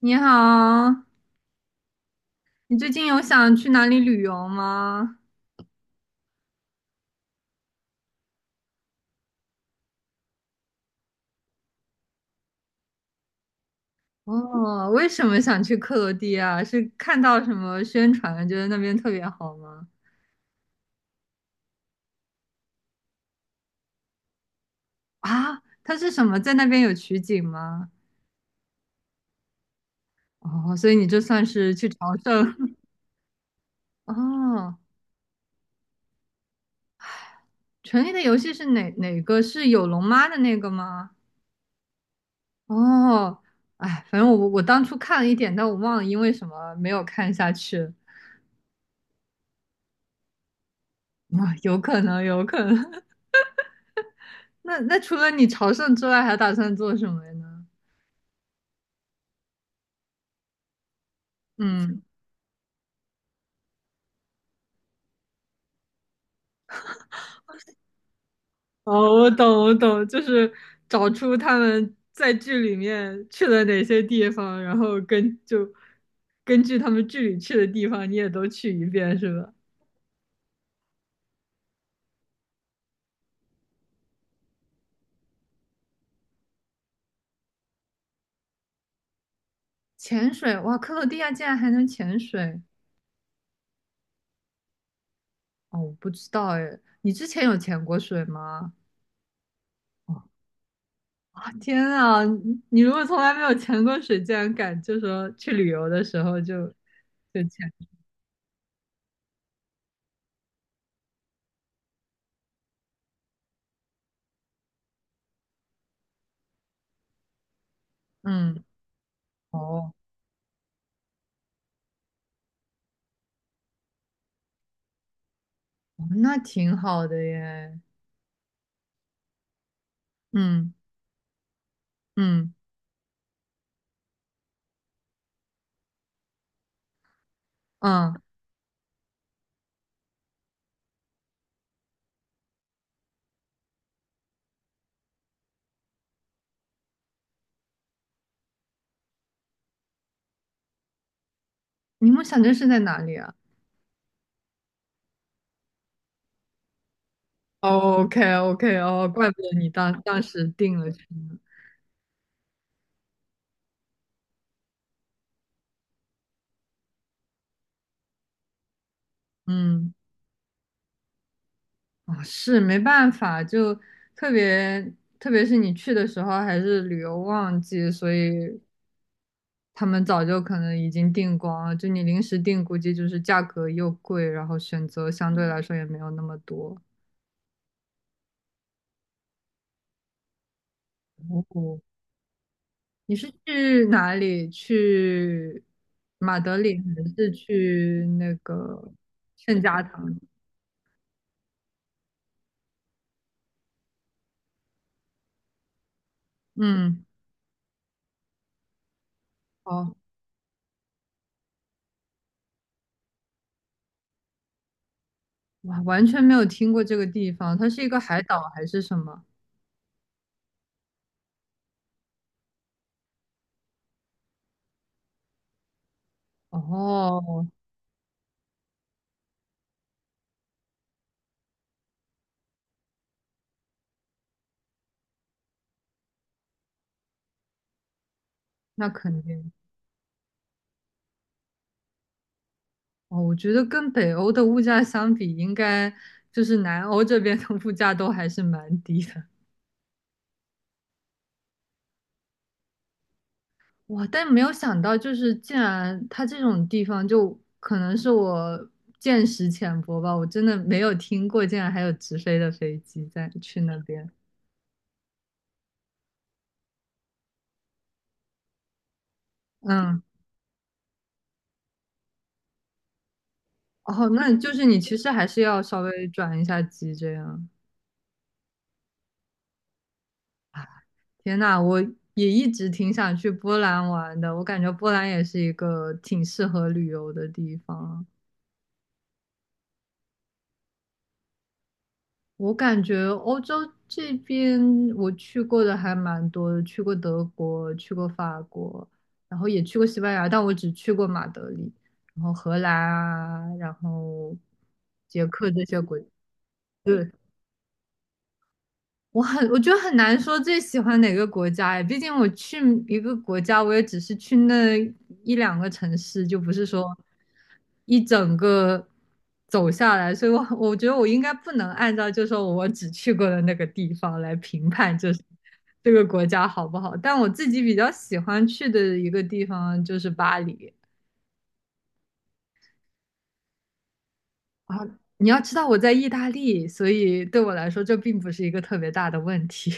你好，你最近有想去哪里旅游吗？哦，为什么想去克罗地亚？是看到什么宣传，觉得那边特别好吗？啊，它是什么？在那边有取景吗？哦，所以你这算是去朝圣。哦，《权力的游戏》是哪个？是有龙妈的那个吗？哦，哎，反正我当初看了一点，但我忘了因为什么没有看下去。啊，有可能，有可能。那除了你朝圣之外，还打算做什么呢？嗯，哦，我懂，我懂，就是找出他们在剧里面去了哪些地方，然后根据他们剧里去的地方，你也都去一遍，是吧？潜水，哇，克罗地亚竟然还能潜水！哦，我不知道哎，你之前有潜过水吗？哦，啊天啊，你如果从来没有潜过水，竟然敢就说去旅游的时候就潜，嗯，哦。哦，那挺好的耶。嗯嗯嗯，你梦想镇是在哪里啊？o k OK，哦，怪不得你当时定了去呢嗯，啊是没办法，就特别特别是你去的时候还是旅游旺季，所以他们早就可能已经订光了。就你临时订，估计就是价格又贵，然后选择相对来说也没有那么多。哦你是去哪里？去马德里还是去那个圣家堂？嗯，哦，哇，完全没有听过这个地方，它是一个海岛还是什么？哦，那肯定。哦，我觉得跟北欧的物价相比，应该就是南欧这边的物价都还是蛮低的。哇！但没有想到，就是竟然它这种地方，就可能是我见识浅薄吧，我真的没有听过，竟然还有直飞的飞机在去那边。嗯，哦，那就是你其实还是要稍微转一下机这样。天呐，我也一直挺想去波兰玩的，我感觉波兰也是一个挺适合旅游的地方啊。我感觉欧洲这边我去过的还蛮多的，去过德国，去过法国，然后也去过西班牙，但我只去过马德里，然后荷兰啊，然后捷克这些国，对，我觉得很难说最喜欢哪个国家哎，毕竟我去一个国家，我也只是去那一两个城市，就不是说一整个走下来，所以我觉得我应该不能按照就说我只去过的那个地方来评判，就是这个国家好不好。但我自己比较喜欢去的一个地方就是巴黎啊，你要知道我在意大利，所以对我来说这并不是一个特别大的问题。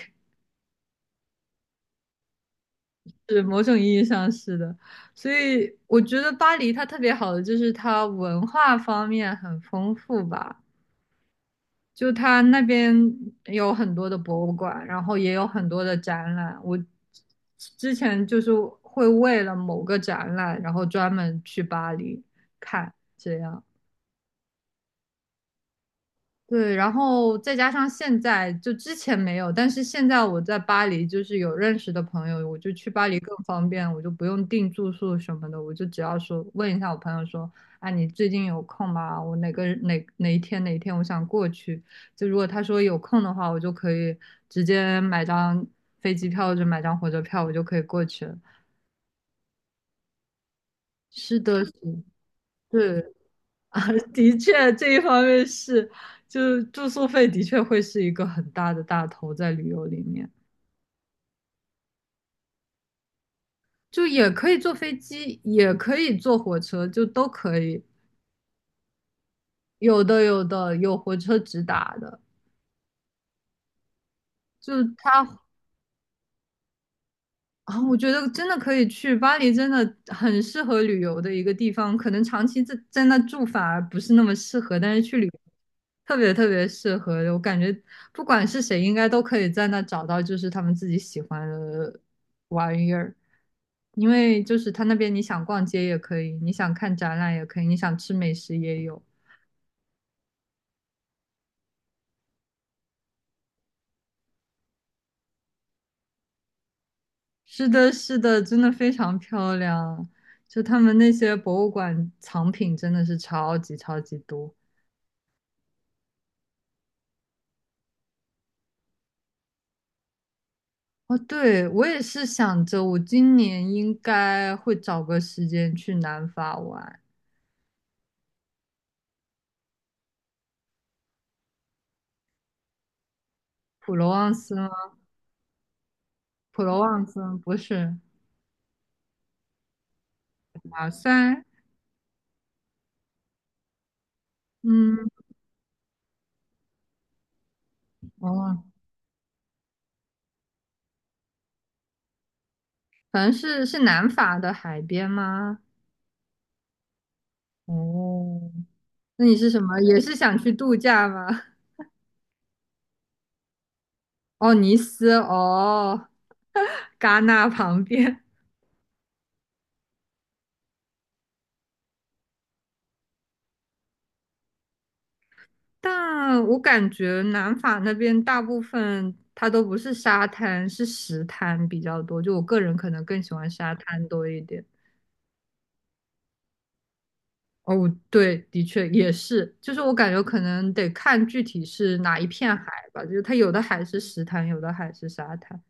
是某种意义上是的，所以我觉得巴黎它特别好的就是它文化方面很丰富吧，就它那边有很多的博物馆，然后也有很多的展览。我之前就是会为了某个展览，然后专门去巴黎看，这样。对，然后再加上现在，就之前没有，但是现在我在巴黎，就是有认识的朋友，我就去巴黎更方便，我就不用订住宿什么的，我就只要说问一下我朋友说，啊，你最近有空吗？我哪一天我想过去，就如果他说有空的话，我就可以直接买张飞机票或者买张火车票，我就可以过去了。是的，是，对 的确，这一方面是，就是住宿费的确会是一个很大的大头在旅游里面，就也可以坐飞机，也可以坐火车，就都可以。有的有火车直达的，就它啊，我觉得真的可以去巴黎，真的很适合旅游的一个地方。可能长期在那住反而不是那么适合，但是去旅游特别特别适合。我感觉不管是谁，应该都可以在那找到就是他们自己喜欢的玩意儿。因为就是他那边，你想逛街也可以，你想看展览也可以，你想吃美食也有。是的，是的，真的非常漂亮。就他们那些博物馆藏品真的是超级超级多。哦，对，我也是想着，我今年应该会找个时间去南法玩。普罗旺斯吗？普罗旺斯不是马赛，嗯，哦，反正是南法的海边吗？哦，那你是什么？也是想去度假吗？哦，尼斯，哦，戛纳旁边。但我感觉南法那边大部分它都不是沙滩，是石滩比较多。就我个人可能更喜欢沙滩多一点。哦，对，的确也是，就是我感觉可能得看具体是哪一片海吧，就是它有的海是石滩，有的海是沙滩。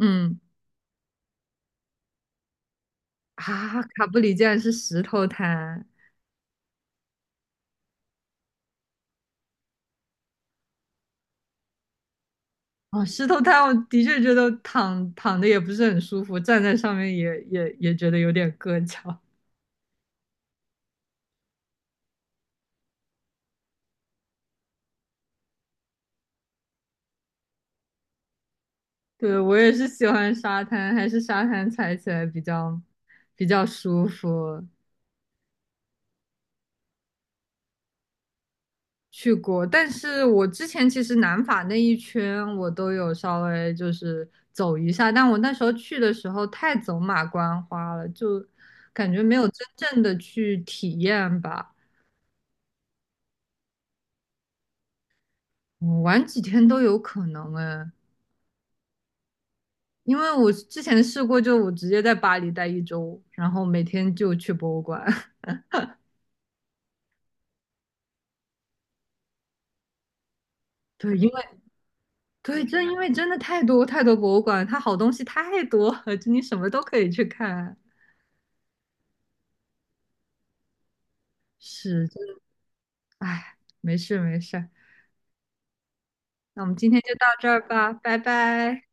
嗯，啊，卡布里竟然是石头滩。哦，石头滩，我的确觉得躺躺的也不是很舒服，站在上面也觉得有点硌脚。对，我也是喜欢沙滩，还是沙滩踩起来比较舒服。去过，但是我之前其实南法那一圈我都有稍微就是走一下，但我那时候去的时候太走马观花了，就感觉没有真正的去体验吧。嗯，玩几天都有可能哎，因为我之前试过，就我直接在巴黎待一周，然后每天就去博物馆。对，因为对，正因为真的太多太多博物馆，它好东西太多了，就你什么都可以去看。是，真的，哎，没事没事，那我们今天就到这儿吧，拜拜。